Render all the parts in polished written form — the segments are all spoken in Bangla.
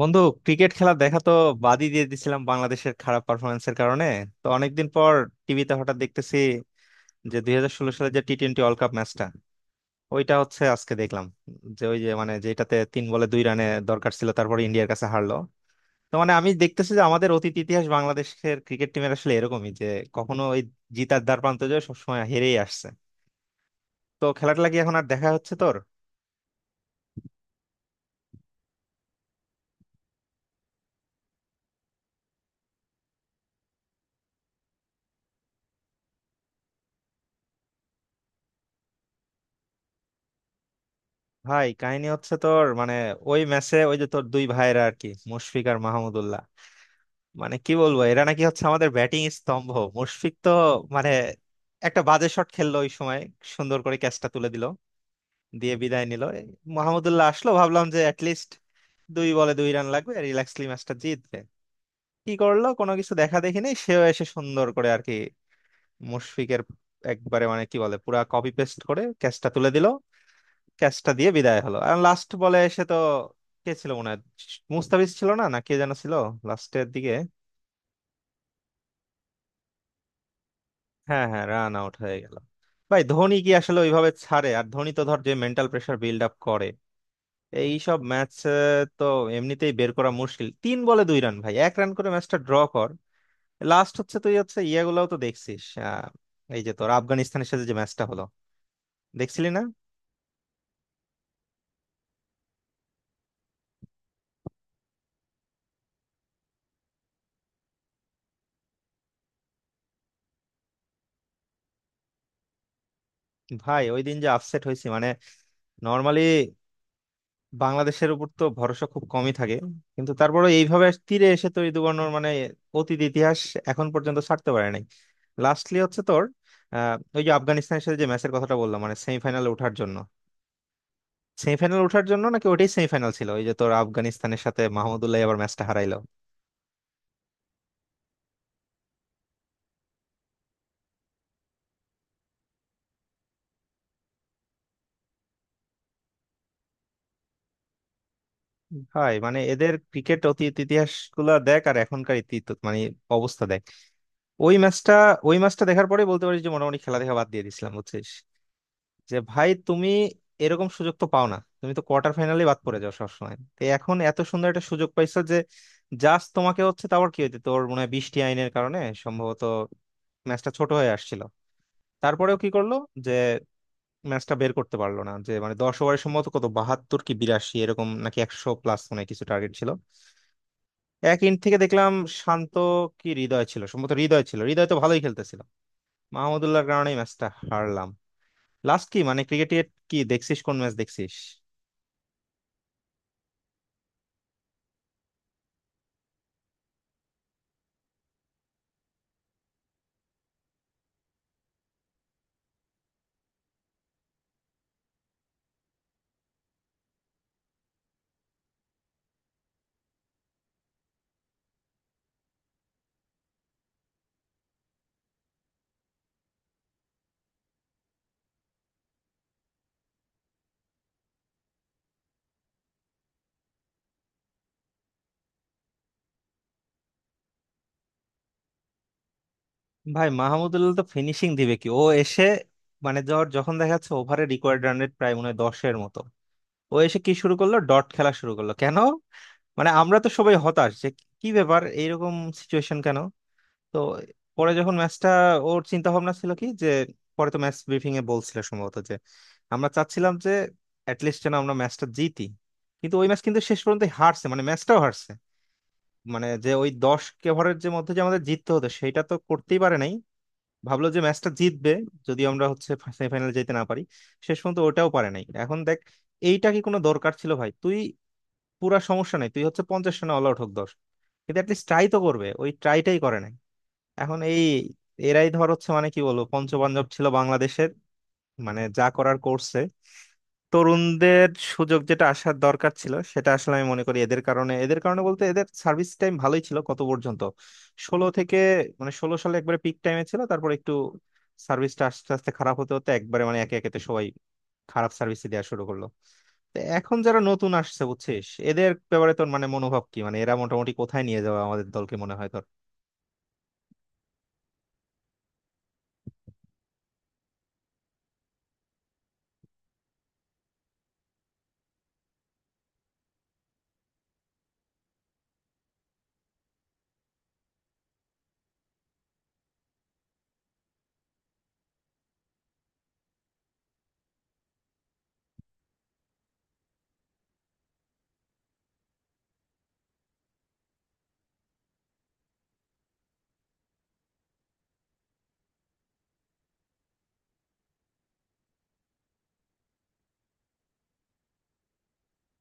বন্ধু, ক্রিকেট খেলা দেখা তো বাদই দিয়ে দিছিলাম বাংলাদেশের খারাপ পারফরমেন্সের কারণে। তো অনেকদিন পর টিভিতে হঠাৎ দেখতেছি যে 2016 সালে যে টি টোয়েন্টি ওয়ার্ল্ড কাপ ম্যাচটা, ওইটা হচ্ছে আজকে দেখলাম, যে ওই যে মানে যেটাতে 3 বলে 2 রানে দরকার ছিল, তারপর ইন্ডিয়ার কাছে হারলো। তো মানে আমি দেখতেছি যে আমাদের অতীত ইতিহাস বাংলাদেশের ক্রিকেট টিমের আসলে এরকমই, যে কখনো ওই জিতার দ্বার প্রান্তে যায়, সবসময় হেরেই আসছে। তো খেলাটা কি এখন আর দেখা হচ্ছে তোর? ভাই, কাহিনী হচ্ছে তোর মানে, ওই ম্যাচে ওই যে তোর 2 ভাইরা আর কি, মুশফিক আর মাহমুদুল্লাহ, মানে কি বলবো এরা নাকি হচ্ছে আমাদের ব্যাটিং স্তম্ভ। মুশফিক তো মানে একটা বাজে শট খেললো ওই সময়, সুন্দর করে ক্যাচটা তুলে দিল, দিয়ে বিদায় নিল। এই মাহমুদুল্লাহ আসলো, ভাবলাম যে অ্যাটলিস্ট 2 বলে 2 রান লাগবে, রিল্যাক্সলি ম্যাচটা জিতবে। কি করলো, কোনো কিছু দেখা দেখি নেই, সেও এসে সুন্দর করে আর কি, মুশফিকের একবারে মানে কি বলে পুরা কপি পেস্ট করে ক্যাচটা তুলে দিল, ক্যাচটা দিয়ে বিদায় হলো। আর লাস্ট বলে এসে তো কে ছিল মনে হয়, মুস্তাফিজ ছিল, না না কে যেন ছিল লাস্টের দিকে। হ্যাঁ, হ্যাঁ, রান আউট হয়ে গেল। ভাই, ধোনি কি আসলে ওইভাবে ছাড়ে? আর ধোনি তো ধর যে মেন্টাল প্রেসার বিল্ড আপ করে এই সব ম্যাচ, তো এমনিতেই বের করা মুশকিল। 3 বলে দুই রান ভাই, 1 রান করে ম্যাচটা ড্র কর। লাস্ট হচ্ছে তুই হচ্ছে ইয়েগুলাও তো দেখছিস, আহ, এই যে তোর আফগানিস্তানের সাথে যে ম্যাচটা হলো, দেখছিলি না? ভাই, ওই দিন যে আপসেট হয়েছি মানে, নর্মালি বাংলাদেশের উপর তো ভরসা খুব কমই থাকে, কিন্তু তারপরে এইভাবে তীরে এসে তৈরি দুর্ঘটনার মানে অতীত ইতিহাস এখন পর্যন্ত ছাড়তে পারে নাই। লাস্টলি হচ্ছে তোর ওই যে আফগানিস্তানের সাথে যে ম্যাচের কথাটা বললাম, মানে সেমিফাইনালে ওঠার জন্য, সেমিফাইনাল ওঠার জন্য নাকি ওটাই সেমিফাইনাল ছিল ওই যে তোর আফগানিস্তানের সাথে, মাহমুদুল্লাহ আবার ম্যাচটা হারাইলো। ভাই মানে এদের ক্রিকেট অতীত ইতিহাস গুলা দেখ আর এখনকার তো মানে অবস্থা দেখ। ওই ম্যাচটা ওই ম্যাচটা দেখার পরে বলতে পারিস যে মোটামুটি খেলা দেখা বাদ দিয়ে দিয়েছিলাম বুঝছিস। যে ভাই তুমি এরকম সুযোগ তো পাও না, তুমি তো কোয়ার্টার ফাইনালে বাদ পড়ে যাও সবসময়, তো এখন এত সুন্দর একটা সুযোগ পাইছো যে জাস্ট তোমাকে হচ্ছে। তারপর কি হইতে তোর মনে হয় বৃষ্টি আইনের কারণে সম্ভবত ম্যাচটা ছোট হয়ে আসছিল, তারপরেও কি করলো যে ম্যাচটা বের করতে পারলো না। যে মানে 10 ওভারের সম্ভবত কত, 72 কি 82 এরকম নাকি 100 প্লাস, মানে কিছু টার্গেট ছিল। এক ইন থেকে দেখলাম শান্ত কি হৃদয় ছিল, সম্ভবত হৃদয় ছিল, হৃদয় তো ভালোই খেলতেছিল। মাহমুদুল্লাহর কারণে ম্যাচটা হারলাম। লাস্ট কি মানে ক্রিকেটের কি দেখছিস, কোন ম্যাচ দেখছিস? ভাই মাহমুদুল্লাহ তো ফিনিশিং দিবে কি, ও এসে মানে ধর যখন দেখা যাচ্ছে ওভারে রিকোয়ার্ড রান রেট প্রায় মনে হয় 10 মতো, ও এসে কি শুরু করলো, ডট খেলা শুরু করলো কেন? মানে আমরা তো সবাই হতাশ যে কি ব্যাপার, এইরকম সিচুয়েশন কেন? তো পরে যখন ম্যাচটা, ওর চিন্তা ভাবনা ছিল কি যে, পরে তো ম্যাচ ব্রিফিং এ বলছিল সম্ভবত যে আমরা চাচ্ছিলাম যে অ্যাটলিস্ট যেন আমরা ম্যাচটা জিতি, কিন্তু ওই ম্যাচ কিন্তু শেষ পর্যন্ত হারছে, মানে ম্যাচটাও হারছে। মানে যে ওই 10 ওভারের যে মধ্যে যে আমাদের জিততে হতো, সেটা তো করতেই পারে নাই। ভাবলো যে ম্যাচটা জিতবে যদি আমরা হচ্ছে সেমিফাইনালে যেতে না পারি, শেষ পর্যন্ত ওটাও পারে নাই এখন দেখ। এইটা কি কোনো দরকার ছিল ভাই? তুই পুরা, সমস্যা নাই, তুই হচ্ছে 50 রানে অল আউট হোক, 10, কিন্তু অ্যাটলিস্ট ট্রাই তো করবে, ওই ট্রাইটাই করে নাই। এখন এই এরাই ধর হচ্ছে মানে কি বলবো পঞ্চপাণ্ডব ছিল বাংলাদেশের, মানে যা করার করছে, তরুণদের সুযোগ যেটা আসার দরকার ছিল সেটা আসলে আমি মনে করি এদের কারণে বলতে এদের সার্ভিস টাইম ভালোই ছিল কত পর্যন্ত, 2016 থেকে, মানে 2016 সালে একবারে পিক টাইমে ছিল, তারপর একটু সার্ভিসটা আস্তে আস্তে খারাপ হতে হতে একবারে মানে একে একেতে সবাই খারাপ সার্ভিস দেওয়া শুরু করলো। তো এখন যারা নতুন আসছে বুঝছিস, এদের ব্যাপারে তোর মানে মনোভাব কি, মানে এরা মোটামুটি কোথায় নিয়ে যাবে আমাদের দলকে, মনে হয় তোর?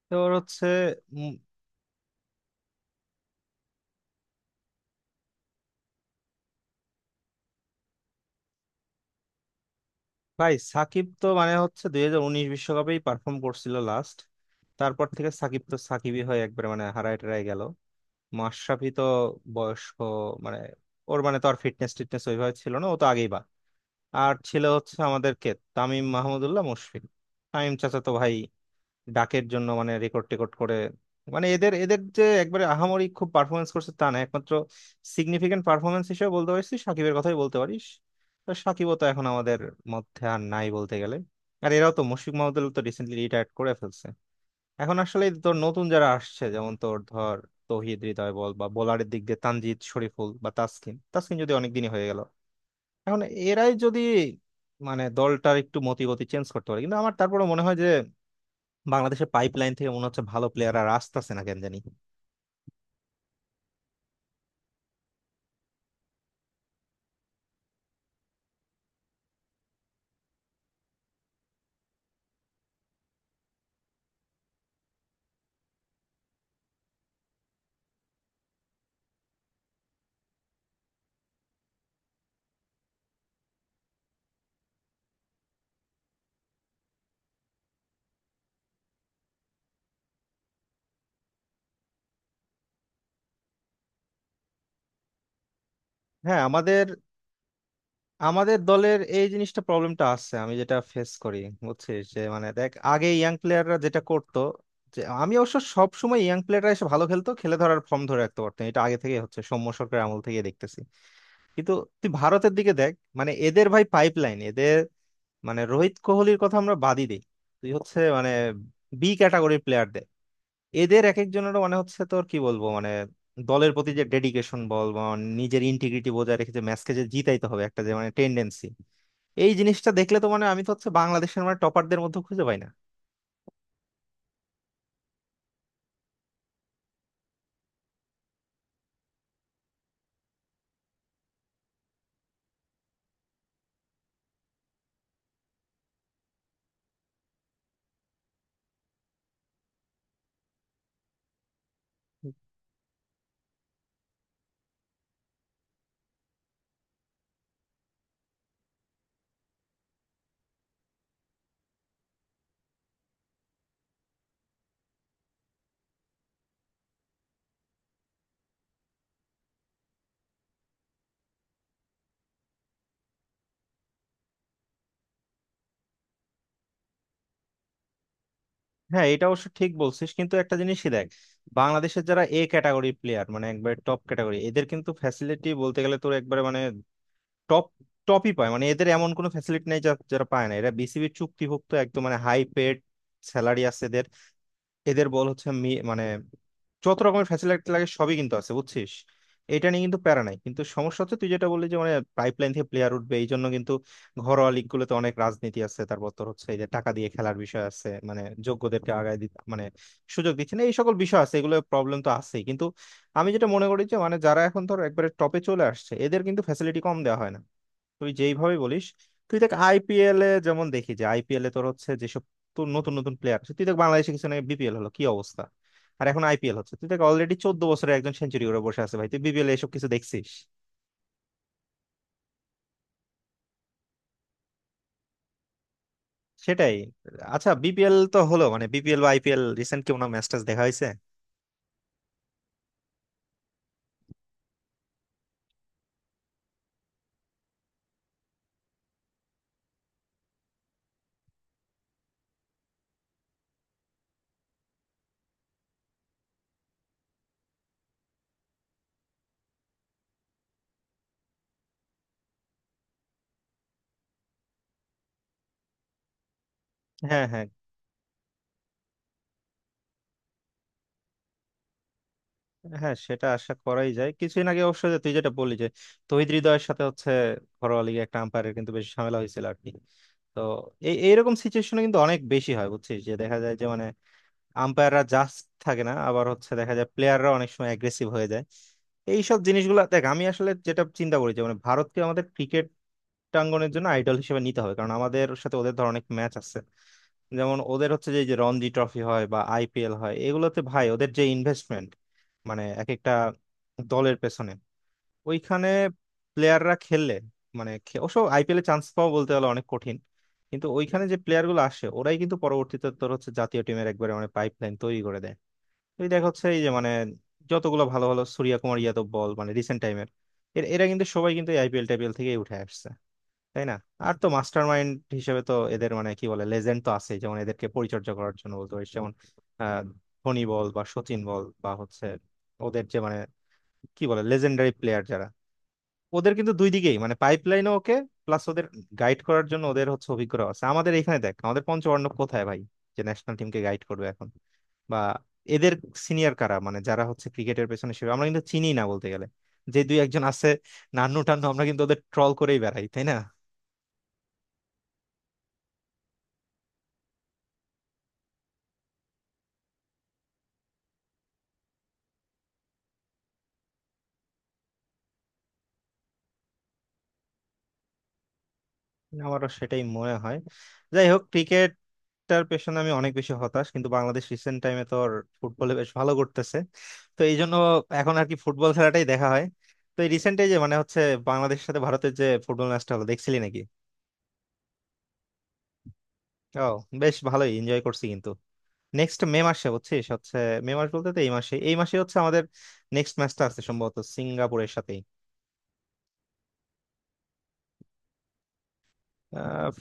তোর হচ্ছে ভাই সাকিব তো মানে হচ্ছে 2019 বিশ্বকাপেই পারফর্ম করছিল লাস্ট, তারপর থেকে সাকিব তো সাকিবই হয়ে একবারে মানে হারায় টারায় গেল। মাশরাফি তো বয়স্ক মানে, ওর মানে তো আর ফিটনেস টিটনেস ওইভাবে ছিল না, ও তো আগেই বা আর ছিল হচ্ছে আমাদেরকে তামিম, মাহমুদুল্লাহ, মুশফিক। তামিম চাচা তো ভাই ডাকের জন্য মানে রেকর্ড টেকর্ড করে, মানে এদের এদের যে একবারে আহামরি খুব পারফরমেন্স করছে তা না, একমাত্র সিগনিফিকেন্ট পারফরমেন্স হিসেবে বলতে পারিস তুই সাকিবের কথাই বলতে পারিস। তো সাকিবও তো এখন আমাদের মধ্যে আর নাই বলতে গেলে। আর এরাও তো মুশফিক মাহমুদুল তো রিসেন্টলি রিটায়ার করে ফেলছে। এখন আসলে তোর নতুন যারা আসছে যেমন তোর ধর তৌহিদ হৃদয় বল, বা বোলারের দিক দিয়ে তানজিদ, শরীফুল, বা তাসকিন, তাসকিন যদি অনেকদিনই হয়ে গেল। এখন এরাই যদি মানে দলটার একটু মতিগতি চেঞ্জ করতে পারে, কিন্তু আমার তারপরে মনে হয় যে বাংলাদেশের পাইপলাইন থেকে মনে হচ্ছে ভালো প্লেয়ার আর আসতেছে না, কেন জানি। হ্যাঁ, আমাদের আমাদের দলের এই জিনিসটা প্রবলেমটা আছে, আমি যেটা ফেস করি, বুঝছিস, যে মানে দেখ আগে ইয়াং প্লেয়াররা যেটা করতো, যে আমি অবশ্য সব সময় ইয়াং প্লেয়াররা এসে ভালো খেলতো, খেলে ধরার ফর্ম ধরে রাখতে পারতো, এটা আগে থেকে হচ্ছে সৌম্য সরকারের আমল থেকে দেখতেছি। কিন্তু তুই ভারতের দিকে দেখ মানে এদের ভাই পাইপলাইন, এদের মানে রোহিত কোহলির কথা আমরা বাদই দিই, তুই হচ্ছে মানে বি ক্যাটাগরির প্লেয়ার দে, এদের এক একজনের মানে হচ্ছে তোর কি বলবো মানে দলের প্রতি যে ডেডিকেশন বল বা নিজের ইন্টিগ্রিটি বজায় রেখে যে ম্যাচকে যে জিতাইতে হবে একটা যে মানে টেন্ডেন্সি, এই জিনিসটা দেখলে তো মানে আমি তো হচ্ছে বাংলাদেশের মানে টপারদের মধ্যে খুঁজে পাই না। হ্যাঁ এটা অবশ্য ঠিক বলছিস, কিন্তু একটা জিনিসই দেখ বাংলাদেশের যারা এ ক্যাটাগরি প্লেয়ার মানে একবারে টপ ক্যাটাগরি, এদের কিন্তু ফ্যাসিলিটি বলতে গেলে তোর একবারে মানে টপ টপই পায়, মানে এদের এমন কোনো ফ্যাসিলিটি নেই যারা পায় না। এরা বিসিবির চুক্তিভুক্ত, একদম মানে হাই পেড স্যালারি আছে এদের। এদের বল হচ্ছে মানে যত রকমের ফ্যাসিলিটি লাগে সবই কিন্তু আছে বুঝছিস, এটা নিয়ে কিন্তু প্যারা নাই। কিন্তু সমস্যা হচ্ছে তুই যেটা বললি যে মানে পাইপলাইন থেকে প্লেয়ার উঠবে এই জন্য কিন্তু ঘরোয়া লিগ গুলোতে অনেক রাজনীতি আছে, তারপর তোর হচ্ছে এই যে টাকা দিয়ে খেলার বিষয় আছে, মানে যোগ্যদেরকে আগায় দিতে মানে সুযোগ দিচ্ছে না, এই সকল বিষয় আছে, এগুলো প্রবলেম তো আছেই। কিন্তু আমি যেটা মনে করি যে মানে যারা এখন ধর একবারে টপে চলে আসছে এদের কিন্তু ফ্যাসিলিটি কম দেওয়া হয় না তুই যেইভাবে বলিস। তুই দেখ আইপিএল এ যেমন দেখি যে আইপিএল এ তোর হচ্ছে যেসব তো নতুন নতুন প্লেয়ার আছে, তুই দেখ বাংলাদেশে কিছু নেই, বিপিএল হলো কি অবস্থা। আর এখন আইপিএল হচ্ছে তুই দেখ অলরেডি 14 বছরে একজন সেঞ্চুরি করে বসে আছে ভাই, তুই বিপিএল এসব কিছু দেখছিস? সেটাই। আচ্ছা বিপিএল তো হলো, মানে বিপিএল বা আইপিএল রিসেন্ট কি কোনো ম্যাচ ট্যাচ দেখা হয়েছে? হ্যাঁ, হ্যাঁ। হ্যাঁ, সেটা আশা করাই যায়। কিছুদিন আগে অবশ্য যে তুই যেটা বললি যে তহিদ হৃদয়ের সাথে হচ্ছে ঘরোয়া লিগে একটা আম্পায়ারের কিন্তু বেশ ঝামেলা হয়েছিল আর কি। তো এই এইরকম সিচুয়েশনে কিন্তু অনেক বেশি হয়, বুঝছিস, যে দেখা যায় যে মানে আম্পায়াররা জাস্ট থাকে না, আবার হচ্ছে দেখা যায় প্লেয়াররা অনেক সময় অ্যাগ্রেসিভ হয়ে যায়। এইসব জিনিসগুলো দেখ, আমি আসলে যেটা চিন্তা করি যে মানে ভারতকে আমাদের ক্রিকেট প্রাঙ্গনের জন্য আইডল হিসেবে নিতে হবে কারণ আমাদের সাথে ওদের ধর অনেক ম্যাচ আছে। যেমন ওদের হচ্ছে যে এই যে রঞ্জি ট্রফি হয় বা আইপিএল হয়, এগুলোতে ভাই ওদের যে ইনভেস্টমেন্ট মানে এক একটা দলের পেছনে, ওইখানে প্লেয়াররা খেললে মানে অবশ্য আইপিএলে চান্স পাওয়া বলতে গেলে অনেক কঠিন, কিন্তু ওইখানে যে প্লেয়ার গুলো আসে ওরাই কিন্তু পরবর্তীতে তোর হচ্ছে জাতীয় টিমের একবারে মানে পাইপ লাইন তৈরি করে দেয়। তুই দেখ হচ্ছে এই যে মানে যতগুলো ভালো ভালো সূর্যা কুমার যাদব বল মানে রিসেন্ট টাইমের, এরা কিন্তু সবাই কিন্তু আইপিএল টাইপিএল থেকে উঠে আসছে, তাই না? আর তো মাস্টার মাইন্ড হিসেবে তো এদের মানে কি বলে লেজেন্ড তো আছে যেমন, এদেরকে পরিচর্যা করার জন্য বলতে পারিস যেমন আহ ধোনি বল বা সচিন বল বা হচ্ছে ওদের যে মানে কি বলে লেজেন্ডারি প্লেয়ার যারা, ওদের কিন্তু দুই দিকেই মানে পাইপ লাইনে ওকে। প্লাস ওদের গাইড করার জন্য ওদের হচ্ছে অভিজ্ঞতা আছে। আমাদের এখানে দেখ আমাদের পঞ্চপাণ্ডব কোথায় ভাই যে ন্যাশনাল টিমকে গাইড করবে এখন, বা এদের সিনিয়র কারা মানে যারা হচ্ছে ক্রিকেটের পেছনে, সেভাবে আমরা কিন্তু চিনি না বলতে গেলে, যে দুই একজন আছে নান্নু টান্নু আমরা কিন্তু ওদের ট্রল করেই বেড়াই, তাই না? আমারও সেটাই মনে হয়। যাই হোক ক্রিকেট টার পেছনে আমি অনেক বেশি হতাশ, কিন্তু বাংলাদেশ রিসেন্ট টাইমে তো ওর ফুটবলে বেশ ভালো করতেছে, তো এই জন্য এখন আর কি ফুটবল খেলাটাই দেখা হয়। তো এই রিসেন্ট যে মানে হচ্ছে বাংলাদেশের সাথে ভারতের যে ফুটবল ম্যাচটা হলো, দেখছিলি নাকি? ও, বেশ ভালোই এনজয় করছি কিন্তু। নেক্সট মে মাসে, বুঝছিস হচ্ছে মে মাস বলতে তো এই মাসে, এই মাসে হচ্ছে আমাদের নেক্সট ম্যাচটা আছে সম্ভবত সিঙ্গাপুরের সাথেই।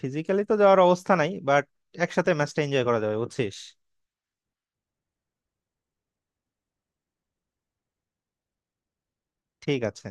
ফিজিক্যালি তো যাওয়ার অবস্থা নাই, বাট একসাথে ম্যাচটা এনজয় করা যাবে, বুঝছিস। ঠিক আছে।